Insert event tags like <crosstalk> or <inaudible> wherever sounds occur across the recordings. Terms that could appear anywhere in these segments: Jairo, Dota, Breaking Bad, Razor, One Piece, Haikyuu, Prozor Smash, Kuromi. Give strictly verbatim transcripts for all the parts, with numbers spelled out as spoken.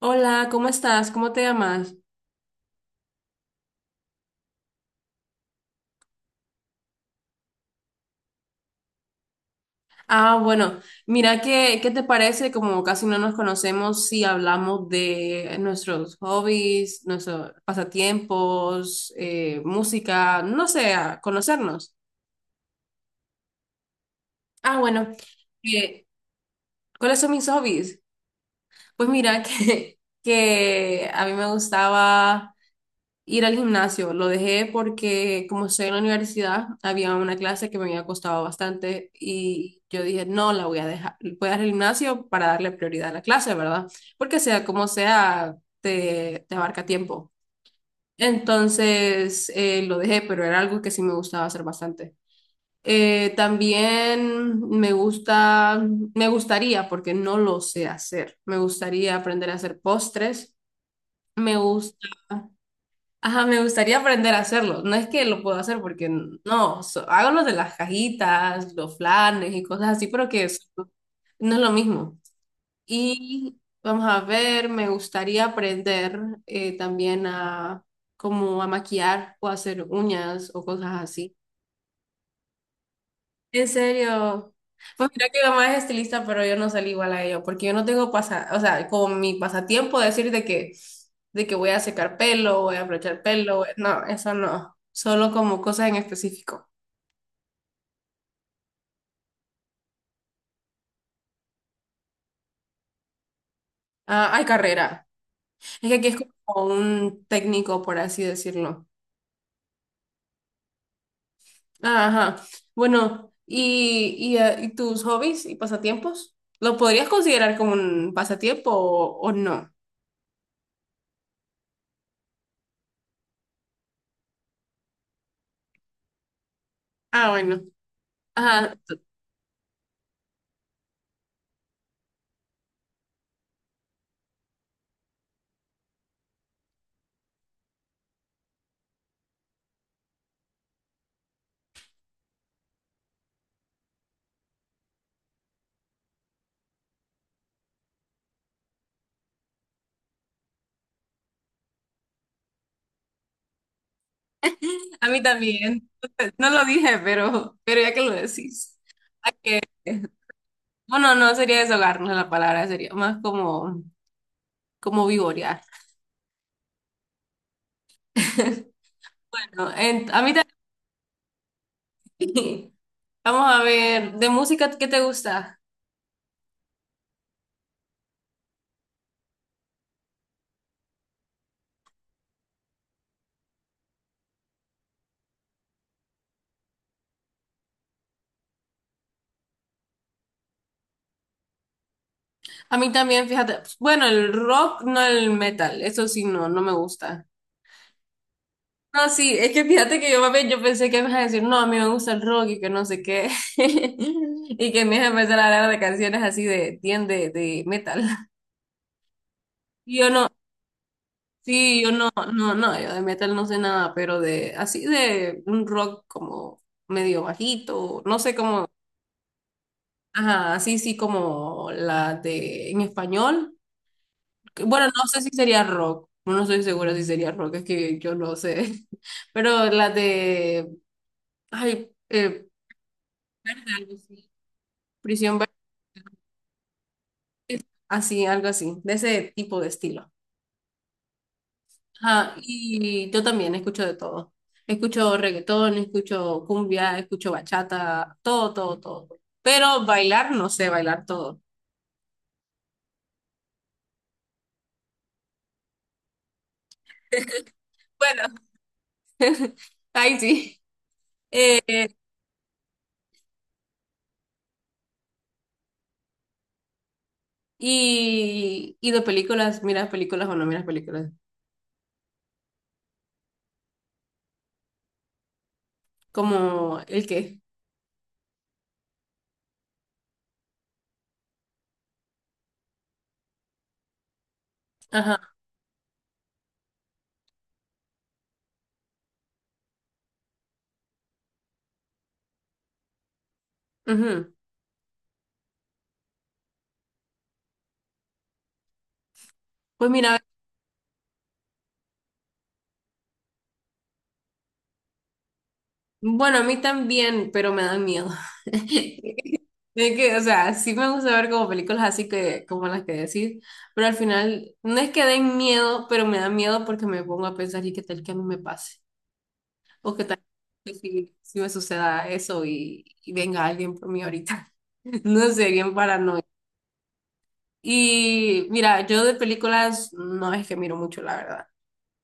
Hola, ¿cómo estás? ¿Cómo te llamas? Ah, bueno, mira, ¿qué, qué te parece? Como casi no nos conocemos, si hablamos de nuestros hobbies, nuestros pasatiempos, eh, música, no sé, a conocernos. Ah, bueno, eh, ¿cuáles son mis hobbies? Pues mira, <laughs> que, que a mí me gustaba. Ir al gimnasio, lo dejé porque como estoy en la universidad, había una clase que me había costado bastante y yo dije, no, la voy a dejar, voy a ir al gimnasio para darle prioridad a la clase, ¿verdad? Porque sea como sea, te, te abarca tiempo. Entonces, eh, lo dejé, pero era algo que sí me gustaba hacer bastante. Eh, también me gusta, me gustaría, porque no lo sé hacer, me gustaría aprender a hacer postres, me gusta. Ajá, me gustaría aprender a hacerlo. No es que lo puedo hacer porque n- no, so- hago los de las cajitas, los flanes y cosas así, pero que es- no es lo mismo. Y vamos a ver, me gustaría aprender eh, también a como a maquillar o hacer uñas o cosas así. En serio. Pues mira que mi mamá es estilista, pero yo no salí igual a ella, porque yo no tengo pasa, o sea, como mi pasatiempo decir de que, de que voy a secar pelo, voy a aprovechar pelo, voy- no, eso no. Solo como cosas en específico. Ah, hay carrera. Es que aquí es como un técnico, por así decirlo. Ah, ajá. Bueno, y, y, eh, ¿y tus hobbies y pasatiempos? ¿Lo podrías considerar como un pasatiempo o, o no? Ah, bueno. Ajá. A mí también. No lo dije, pero, pero ya que lo decís. Hay que, bueno, no sería deshogarnos la palabra, sería más como, como vivorear. Bueno, en- a mí también. Vamos a ver, de música, ¿qué te gusta? A mí también, fíjate. Bueno, el rock, no el metal. Eso sí, no, no me gusta. No, sí, es que fíjate que yo, mami, yo pensé que me ibas a decir, no, a mí me gusta el rock y que no sé qué. <laughs> Y que me ibas a empezar a hablar de canciones así de, bien de, de metal. Y yo no, sí, yo no, no, no, yo de metal no sé nada, pero de así de un rock como medio bajito, no sé cómo, ajá, así sí como la de en español. que- Bueno, no sé si sería rock, no estoy segura si sería rock, es que yo no sé. <laughs> Pero la de, ay, eh, algo así, Prisión, Bre- así, algo así, de ese tipo de estilo. Ajá, y yo también escucho de todo. Escucho reggaetón, escucho cumbia, escucho bachata, todo, todo, todo. Pero bailar, no sé bailar todo. Bueno, <laughs> ahí sí. Eh, eh, y, y de películas, ¿miras películas o no miras películas? Como el qué. Ajá. Ujú. Pues mira, bueno, a mí también, pero me dan miedo. <laughs> Es que, o sea, sí me gusta ver como películas así que, como las que decís, pero al final no es que den miedo, pero me da miedo porque me pongo a pensar y qué tal que a mí me pase, o qué tal que si, si me suceda eso y, y venga alguien por mí ahorita. <laughs> No sé, bien paranoico. Y mira, yo de películas no es que miro mucho, la verdad.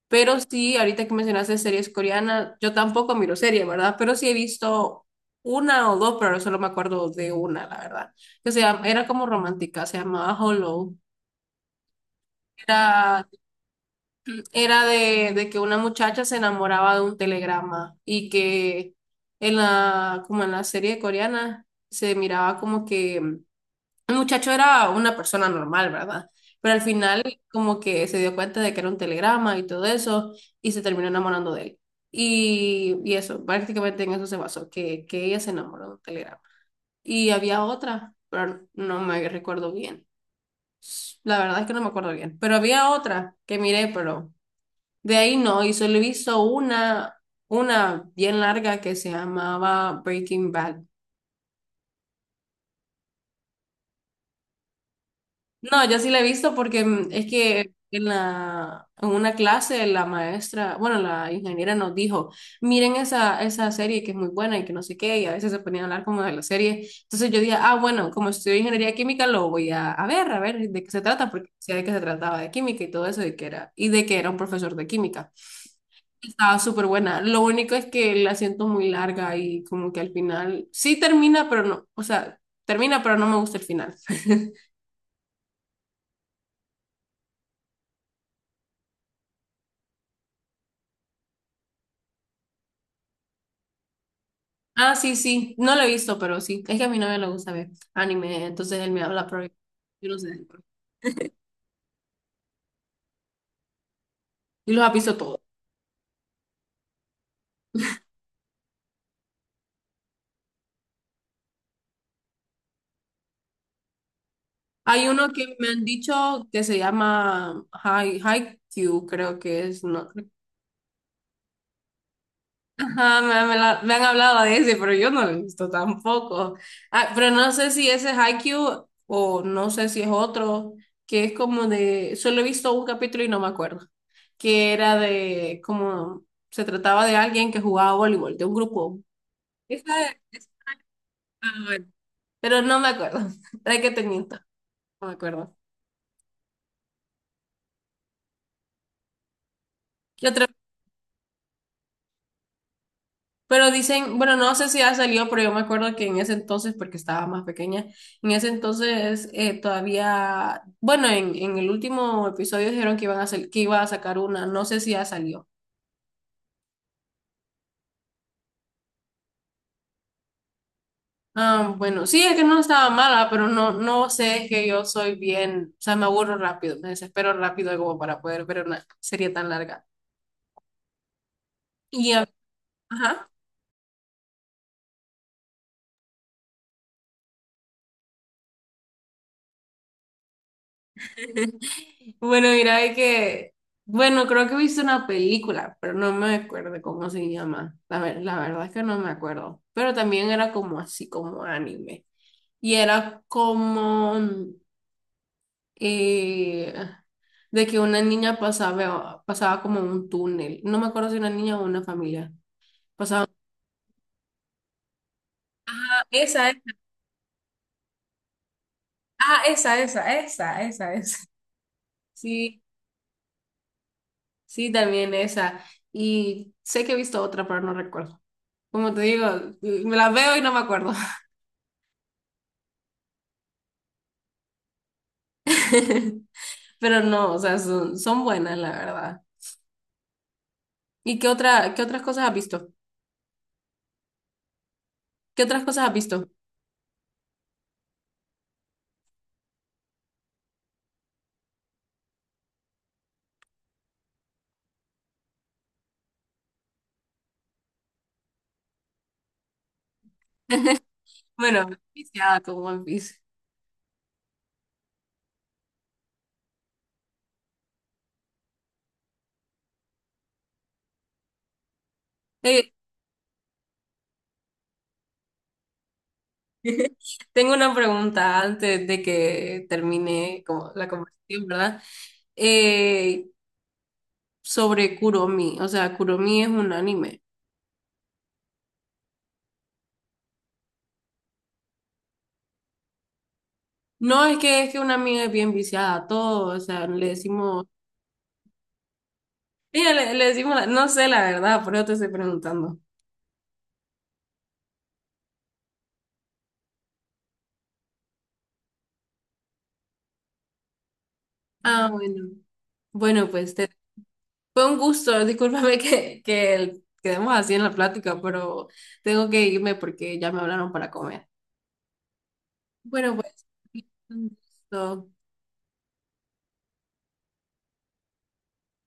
Pero sí, ahorita que mencionaste series coreanas, yo tampoco miro series, ¿verdad? Pero sí he visto una o dos, pero no solo me acuerdo de una, la verdad. Que se llama- era como romántica, se llamaba Hollow. Era, era de, de que una muchacha se enamoraba de un telegrama y que en la, como en la serie coreana se miraba como que el muchacho era una persona normal, ¿verdad? Pero al final como que se dio cuenta de que era un telegrama y todo eso y se terminó enamorando de él. Y, y eso, prácticamente en eso se basó, que, que ella se enamoró de un telegrama. Y había otra, pero no me recuerdo bien. La verdad es que no me acuerdo bien, pero había otra que miré, pero de ahí no, y solo he visto una, una bien larga que se llamaba Breaking Bad. No, yo sí la he visto porque mm, es que en la, en una clase la maestra, bueno, la ingeniera nos dijo, miren esa, esa serie que es muy buena y que no sé qué, y a veces se ponía a hablar como de la serie. Entonces yo dije, ah, bueno, como estudio ingeniería química, lo voy a, a ver, a ver de qué se trata, porque decía de que se trataba de química y todo eso, y que era, y de que era un profesor de química. Estaba súper buena. Lo único es que la siento muy larga y como que al final sí termina, pero no, o sea, termina, pero no me gusta el final. <laughs> Ah, sí, sí. No lo he visto, pero sí. Es que a mi novia le gusta ver anime, entonces él me habla, pero yo no sé. Y los ha visto todos. Hay uno que me han dicho que se llama Hai- Haikyuu, creo que es. No. Ajá, me, me la- me han hablado de ese, pero yo no lo he visto tampoco. Ah, pero no sé si ese es Haikyuu o no sé si es otro, que es como de... Solo he visto un capítulo y no me acuerdo. Que era de como... Se trataba de alguien que jugaba voleibol, de un grupo. Ah, bueno, pero no me acuerdo. <laughs> ¿Para que te miento? No me acuerdo. ¿Qué otra? Pero dicen, bueno, no sé si ha salido, pero yo me acuerdo que en ese entonces, porque estaba más pequeña, en ese entonces eh, todavía, bueno, en, en el último episodio dijeron que iban a sal- que iba a sacar una, no sé si ya salió. Ah, bueno, sí, es que no estaba mala, pero no, no sé, es que yo soy bien, o sea, me aburro rápido, me desespero rápido como para poder ver una serie tan larga. Y, ah, ajá. <laughs> Bueno, mira, de que, bueno, creo que he visto una película, pero no me acuerdo cómo se llama. La, ver- la verdad es que no me acuerdo, pero también era como así, como anime. Y era como mm, eh, de que una niña pasaba, pasaba como un túnel. No me acuerdo si una niña o una familia. Pasaba. Ah, esa, esa. Ah, esa, esa, esa, esa, esa. <laughs> Sí, sí, también esa. Y sé que he visto otra, pero no recuerdo. Como te digo, me las veo y no me acuerdo. <laughs> Pero no, o sea, son, son buenas, la verdad. ¿Y qué otra, qué otras cosas has visto? ¿Qué otras cosas has visto? Bueno, viciada con One Piece. Eh, <laughs> tengo una pregunta antes de que termine como la conversación, ¿verdad? Eh, sobre Kuromi. O sea, Kuromi es un anime. No es que es que una amiga es bien viciada a todo, o sea, le decimos, ella le, le decimos, la- no sé la verdad, por eso te estoy preguntando. Ah, bueno. Bueno, pues te- fue un gusto. Discúlpame <laughs> que, que el- quedemos así en la plática, pero tengo que irme porque ya me hablaron para comer. Bueno, pues un gusto.